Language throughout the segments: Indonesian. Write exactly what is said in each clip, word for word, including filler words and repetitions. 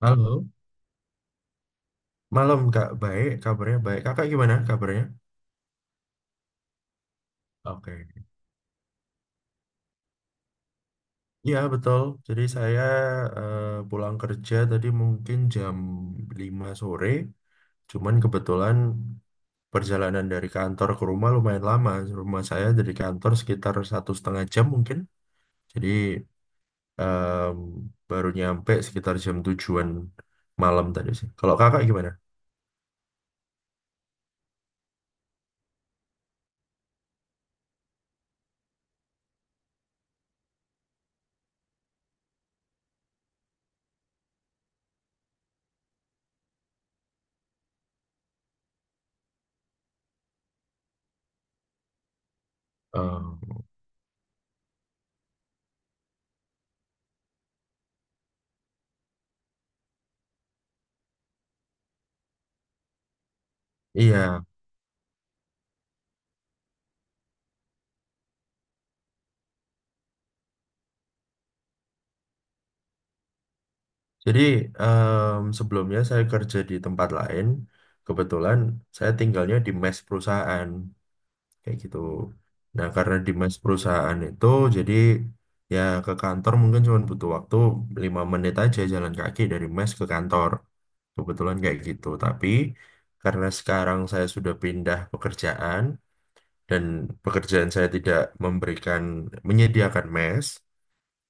Halo, malam Kak. Baik, kabarnya baik. Kakak gimana kabarnya? Oke. Iya, betul. Jadi saya eh, pulang kerja tadi mungkin jam lima sore. Cuman kebetulan perjalanan dari kantor ke rumah lumayan lama. Rumah saya dari kantor sekitar satu setengah jam mungkin. Jadi em, baru nyampe sekitar jam tujuan malam tadi sih. Kalau kakak gimana? Eh, iya. Jadi em, sebelumnya saya kerja di tempat lain. Kebetulan saya tinggalnya di mes perusahaan kayak gitu. Nah, karena di mes perusahaan itu jadi ya ke kantor mungkin cuma butuh waktu lima menit aja jalan kaki dari mes ke kantor. Kebetulan kayak gitu. Tapi karena sekarang saya sudah pindah pekerjaan dan pekerjaan saya tidak memberikan menyediakan mes,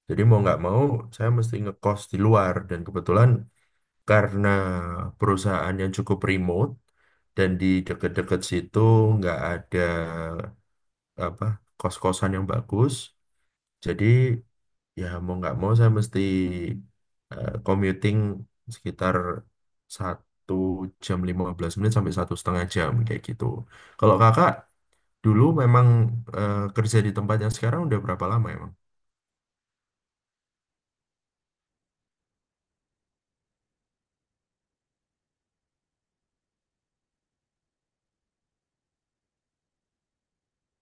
jadi mau nggak mau saya mesti ngekos di luar dan kebetulan karena perusahaan yang cukup remote dan di deket-deket situ nggak ada apa kos-kosan yang bagus. Jadi ya mau nggak mau saya mesti eh, commuting sekitar satu jam lima belas menit sampai satu setengah jam kayak gitu. Kalau kakak dulu memang eh, kerja di tempat yang sekarang udah berapa lama emang?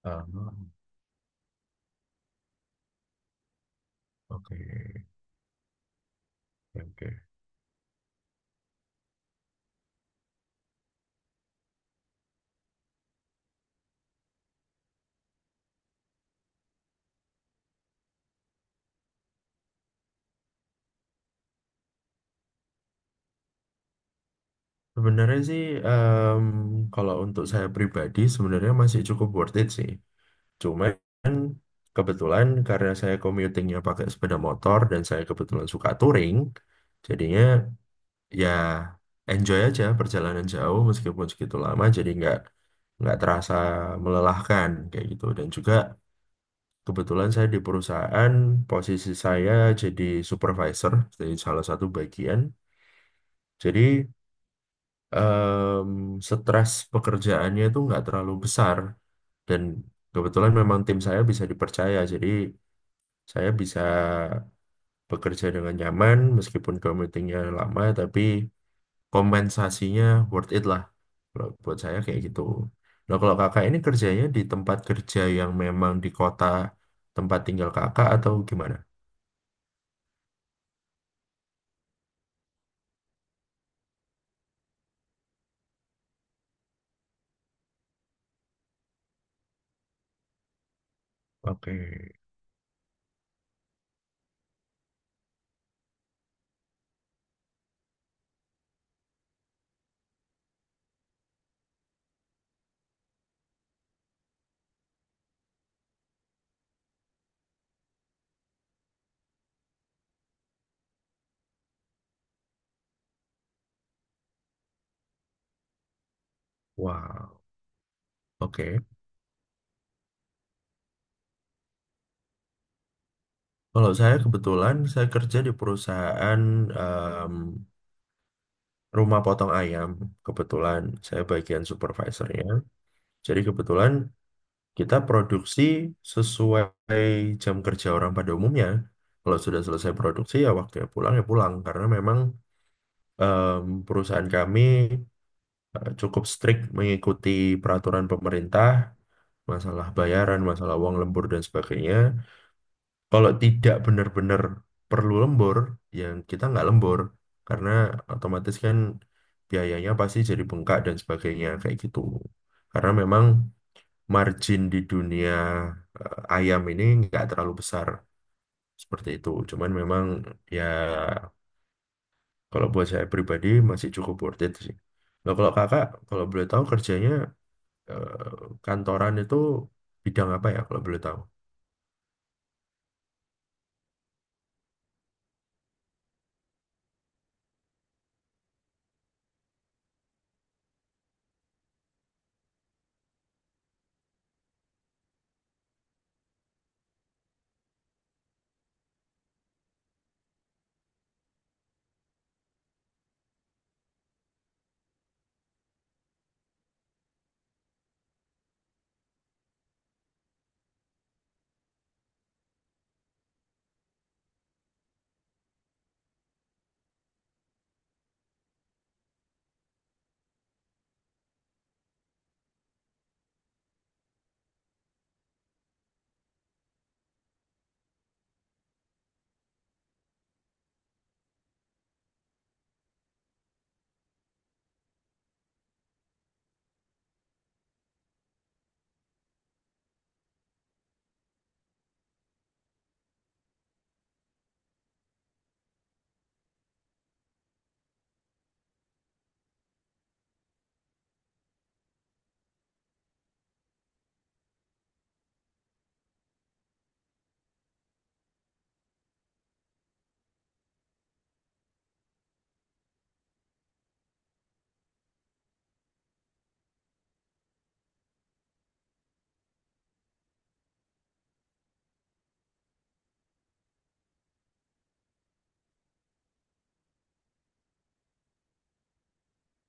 Ah, oke, oke. Sebenarnya sih em, kalau untuk saya pribadi sebenarnya masih cukup worth it sih. Cuman kebetulan karena saya commutingnya pakai sepeda motor dan saya kebetulan suka touring, jadinya ya enjoy aja perjalanan jauh meskipun segitu lama jadi nggak nggak terasa melelahkan kayak gitu. Dan juga kebetulan saya di perusahaan posisi saya jadi supervisor, jadi salah satu bagian. Jadi em, stres pekerjaannya itu nggak terlalu besar dan kebetulan memang tim saya bisa dipercaya jadi saya bisa bekerja dengan nyaman meskipun commutingnya lama tapi kompensasinya worth it lah kalau buat saya kayak gitu. Nah kalau kakak ini kerjanya di tempat kerja yang memang di kota tempat tinggal kakak atau gimana? Oke, wow, oke. Kalau saya kebetulan saya kerja di perusahaan rumah potong ayam. Kebetulan saya bagian supervisornya. Jadi kebetulan kita produksi sesuai jam kerja orang pada umumnya. Kalau sudah selesai produksi ya waktunya pulang ya pulang karena memang em, perusahaan kami eh, cukup strict mengikuti peraturan pemerintah masalah bayaran, masalah uang lembur dan sebagainya. Kalau tidak benar-benar perlu lembur, ya kita nggak lembur. Karena otomatis kan biayanya pasti jadi bengkak dan sebagainya, kayak gitu. Karena memang margin di dunia eh, ayam ini nggak terlalu besar, seperti itu. Cuman memang ya kalau buat saya pribadi masih cukup worth it sih. Nah, kalau kakak, kalau boleh tahu kerjanya eh, kantoran itu bidang apa ya kalau boleh tahu?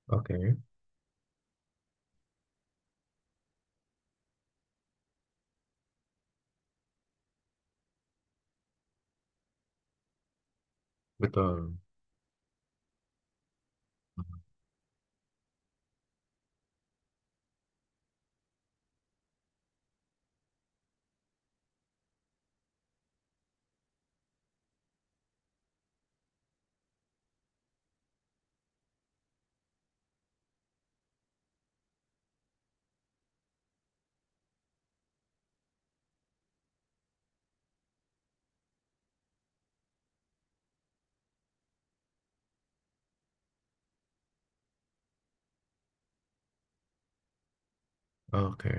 Oke, betul. Oke,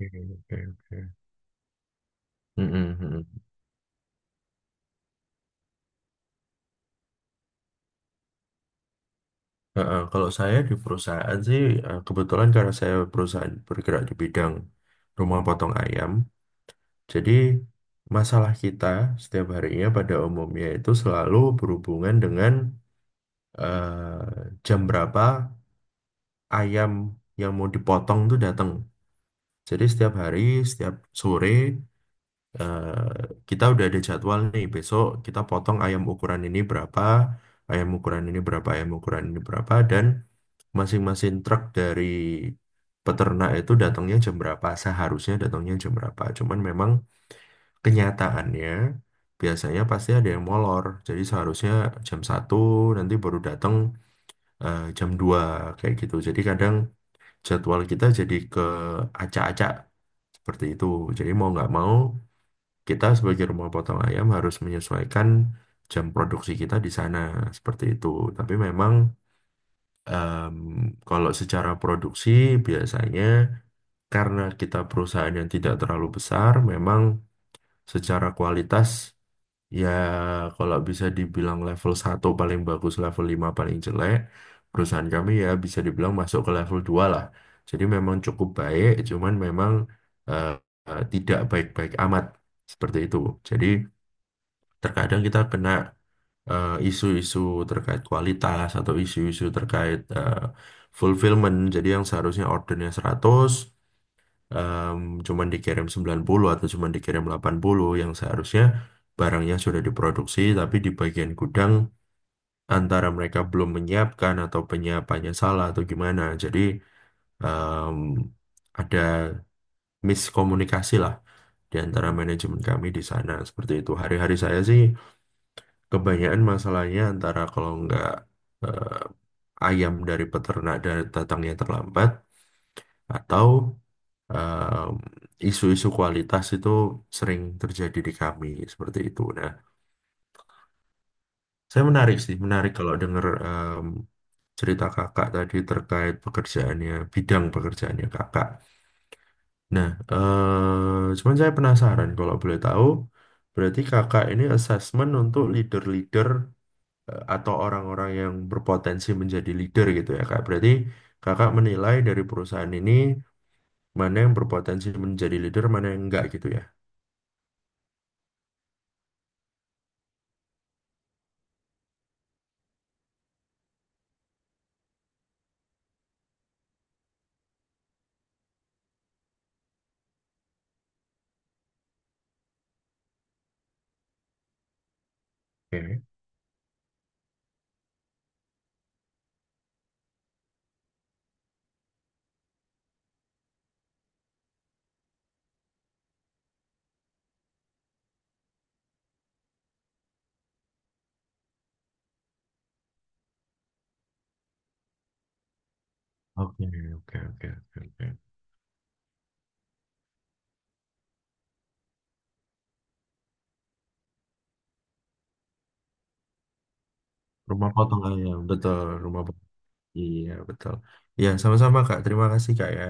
oke, oke. Oke. Mm-mm, mm-mm. Nah, kalau saya di perusahaan sih eh, kebetulan karena saya perusahaan bergerak di bidang rumah potong ayam, jadi masalah kita setiap harinya pada umumnya itu selalu berhubungan dengan eh, jam berapa ayam yang mau dipotong itu datang. Jadi setiap hari, setiap sore eh, kita udah ada jadwal nih besok kita potong ayam ukuran ini berapa ayam ukuran ini berapa ayam ukuran ini berapa dan masing-masing truk dari peternak itu datangnya jam berapa seharusnya datangnya jam berapa cuman memang kenyataannya biasanya pasti ada yang molor. Jadi seharusnya jam satu nanti baru datang eh, jam dua kayak gitu. Jadi kadang jadwal kita jadi ke acak-acak seperti itu. Jadi mau nggak mau kita sebagai rumah potong ayam harus menyesuaikan jam produksi kita di sana seperti itu. Tapi memang em, kalau secara produksi biasanya karena kita perusahaan yang tidak terlalu besar, memang secara kualitas ya kalau bisa dibilang level satu paling bagus, level lima paling jelek, perusahaan kami ya bisa dibilang masuk ke level dua lah. Jadi memang cukup baik, cuman memang eh, eh, tidak baik-baik amat seperti itu. Jadi terkadang kita kena eh, isu-isu terkait kualitas atau isu-isu terkait eh, fulfillment. Jadi yang seharusnya ordernya seratus, em, cuman dikirim sembilan puluh atau cuman dikirim delapan puluh yang seharusnya barangnya sudah diproduksi tapi di bagian gudang antara mereka belum menyiapkan atau penyiapannya salah atau gimana. Jadi em, ada miskomunikasi lah di antara manajemen kami di sana. Seperti itu. Hari-hari saya sih kebanyakan masalahnya antara kalau nggak eh, ayam dari peternak dan datangnya terlambat atau em, isu-isu kualitas itu sering terjadi di kami seperti itu. Nah, saya menarik sih, menarik kalau dengar em, cerita kakak tadi terkait pekerjaannya, bidang pekerjaannya kakak. Nah, eh, cuman saya penasaran kalau boleh tahu, berarti kakak ini assessment untuk leader-leader eh, atau orang-orang yang berpotensi menjadi leader gitu ya kak. Berarti kakak menilai dari perusahaan ini mana yang berpotensi menjadi leader, mana yang enggak gitu ya. Oke, oke, oke, oke, oke. Oke. Rumah potong ayam, betul. Rumah potong. Iya, betul. Ya, sama-sama kak. Terima kasih kak ya.